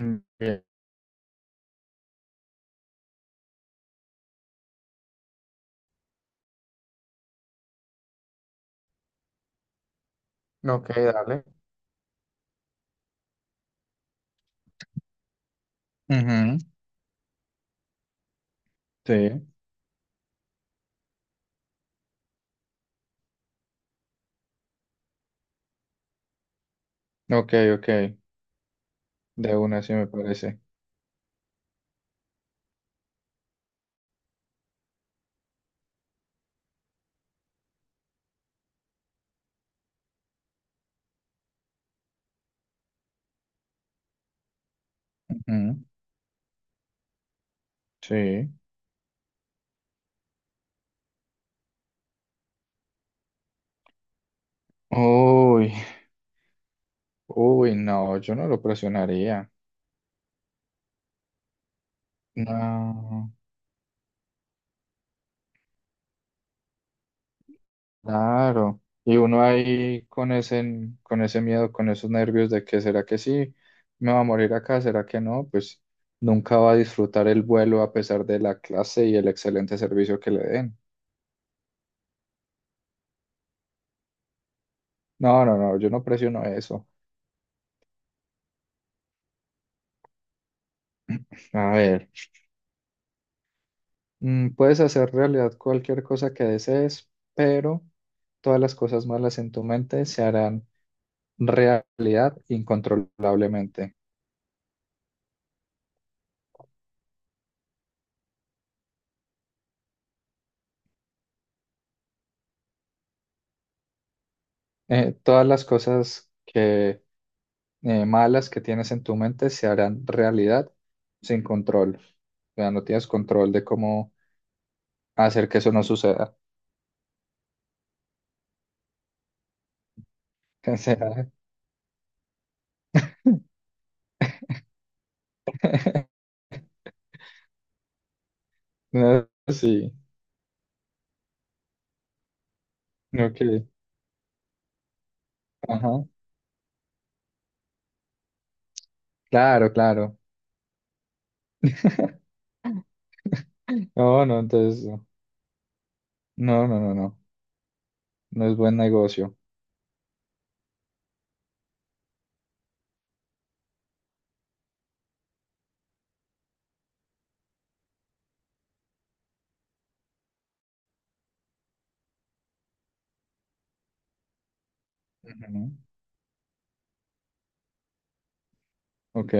Mm, bien. Ok, dale. Ujú, sí, ok, ok, de una sí me parece. Ujú, sí. Uy, uy, no, yo no lo presionaría. No, claro. Y uno ahí con ese miedo, con esos nervios de que será que sí, me va a morir acá, será que no, pues nunca va a disfrutar el vuelo a pesar de la clase y el excelente servicio que le den. No, no, no, yo no presiono eso. A ver. Puedes hacer realidad cualquier cosa que desees, pero todas las cosas malas en tu mente se harán realidad incontrolablemente. Todas las cosas que, malas que tienes en tu mente se harán realidad sin control. O sea, no tienes control de cómo hacer que eso no suceda. O sea, no, sí, ok, ajá, claro, claro. No, no, entonces, no, no, no, no. No es buen negocio. Ujú. Ok.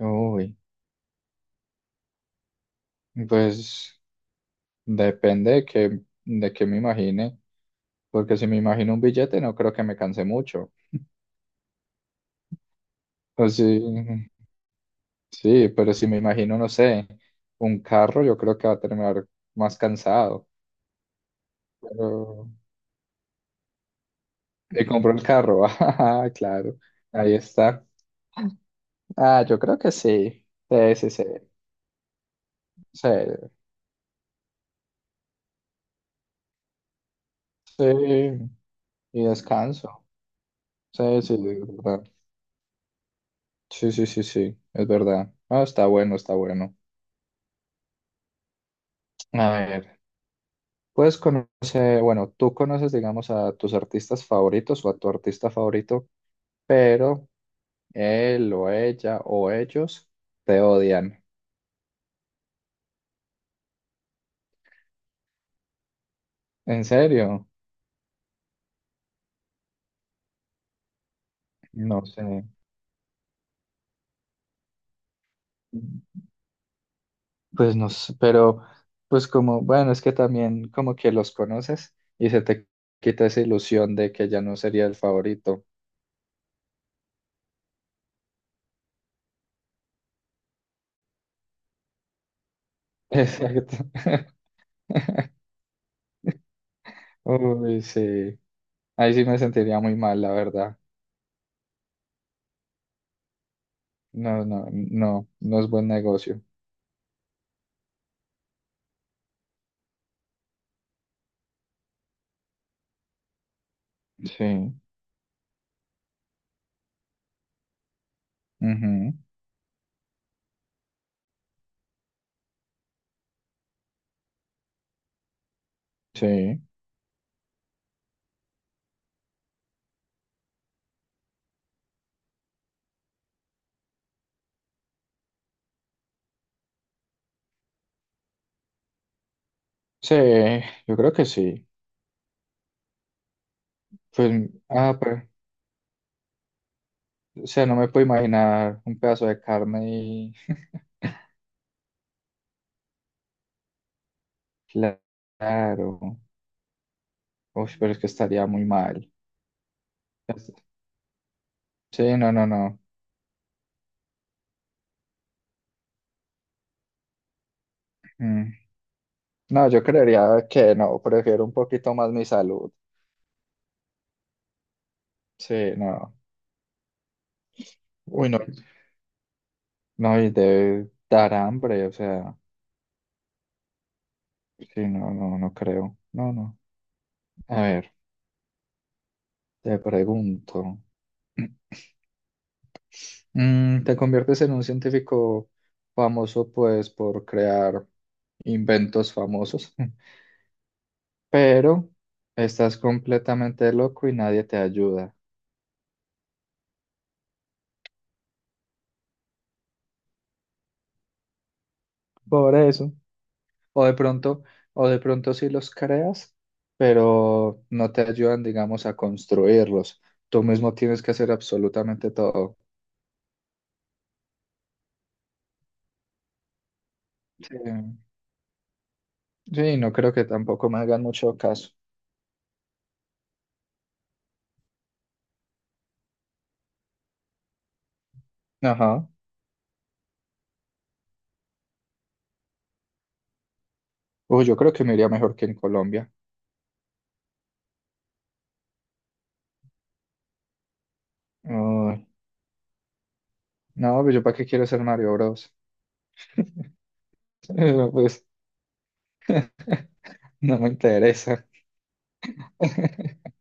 Uy, pues depende de que me imagine, porque si me imagino un billete no creo que me canse mucho. Pues sí, sí, pero si me imagino, no sé, un carro, yo creo que va a terminar más cansado. Pero te compro el carro, ah, claro, ahí está. Ah, yo creo que sí, sí, sí, sí, sí, sí, y descanso, sí, sí, sí, sí, sí, sí, es verdad. Ah, está bueno, está bueno. A ver, puedes conocer, bueno, tú conoces, digamos, a tus artistas favoritos o a tu artista favorito, pero él o ella o ellos te odian. ¿En serio? No sé. Pues no sé, pero pues como, bueno, es que también como que los conoces y se te quita esa ilusión de que ya no sería el favorito. Exacto. Uy, sí. Ahí sí me sentiría muy mal, la verdad. No, no, no, no es buen negocio. Sí, ujú, sí, sí, yo creo que sí. Pues, ah, pero, o sea, no me puedo imaginar un pedazo de carne y claro, uy, pero es que estaría muy mal. Es- Sí, no, no, no. Mm, No, yo creería que no, prefiero un poquito más mi salud. Sí, no. Uy, no, no, y debe dar hambre, o sea, sí, no, no, no creo. No, no. A ver, te pregunto. Te conviertes en un científico famoso, pues, por crear inventos famosos, pero estás completamente loco y nadie te ayuda. Por eso. O de pronto, o de pronto, sí los creas, pero no te ayudan, digamos, a construirlos. Tú mismo tienes que hacer absolutamente todo. Sí, sí, no creo que tampoco me hagan mucho caso. Ajá. Uy, yo creo que me iría mejor que en Colombia. Uy, no, pues yo para qué quiero ser Mario Bros. Pero, pues no me interesa.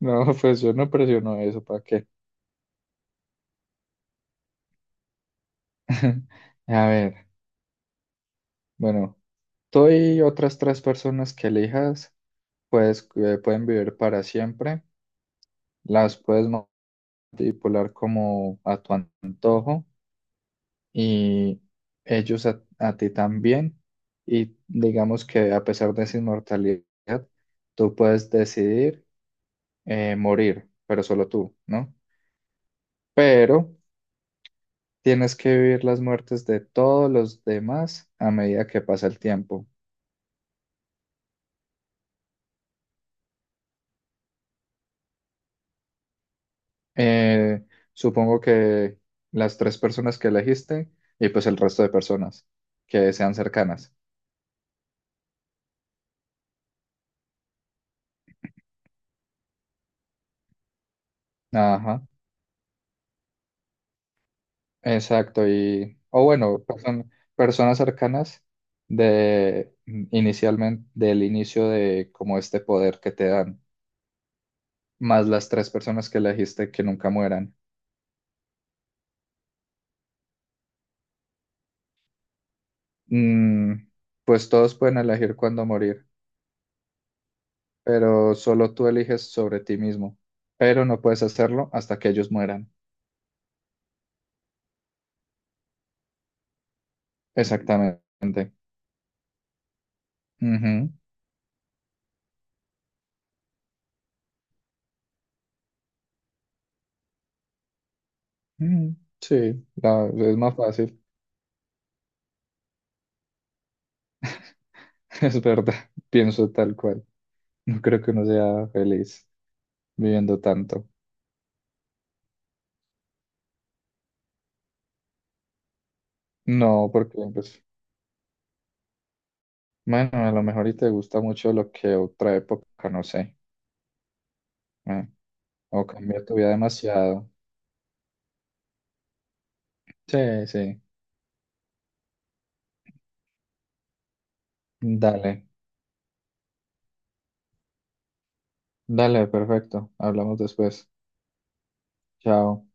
No, pues yo no presiono eso, ¿para qué? A ver, bueno, tú y otras tres personas que elijas, pues pueden vivir para siempre, las puedes manipular como a tu antojo y ellos a ti también. Y digamos que a pesar de esa inmortalidad, tú puedes decidir morir, pero solo tú, ¿no? Pero tienes que vivir las muertes de todos los demás a medida que pasa el tiempo. Eh, Supongo que las tres personas que elegiste y pues el resto de personas que sean cercanas. Ajá, exacto. Y, o bueno, personas cercanas de inicialmente, del inicio de como este poder que te dan, más las tres personas que elegiste que nunca mueran. Mm, pues todos pueden elegir cuándo morir. Pero solo tú eliges sobre ti mismo, pero no puedes hacerlo hasta que ellos mueran. Exactamente. Ujú. Mm, sí, es más fácil, es verdad, pienso tal cual. No creo que uno sea feliz viviendo tanto. No, porque pues, bueno, a lo mejor y te gusta mucho lo que otra época, no sé, eh, o cambió tu vida demasiado. Sí, sí, dale, dale, perfecto, hablamos después. Chao.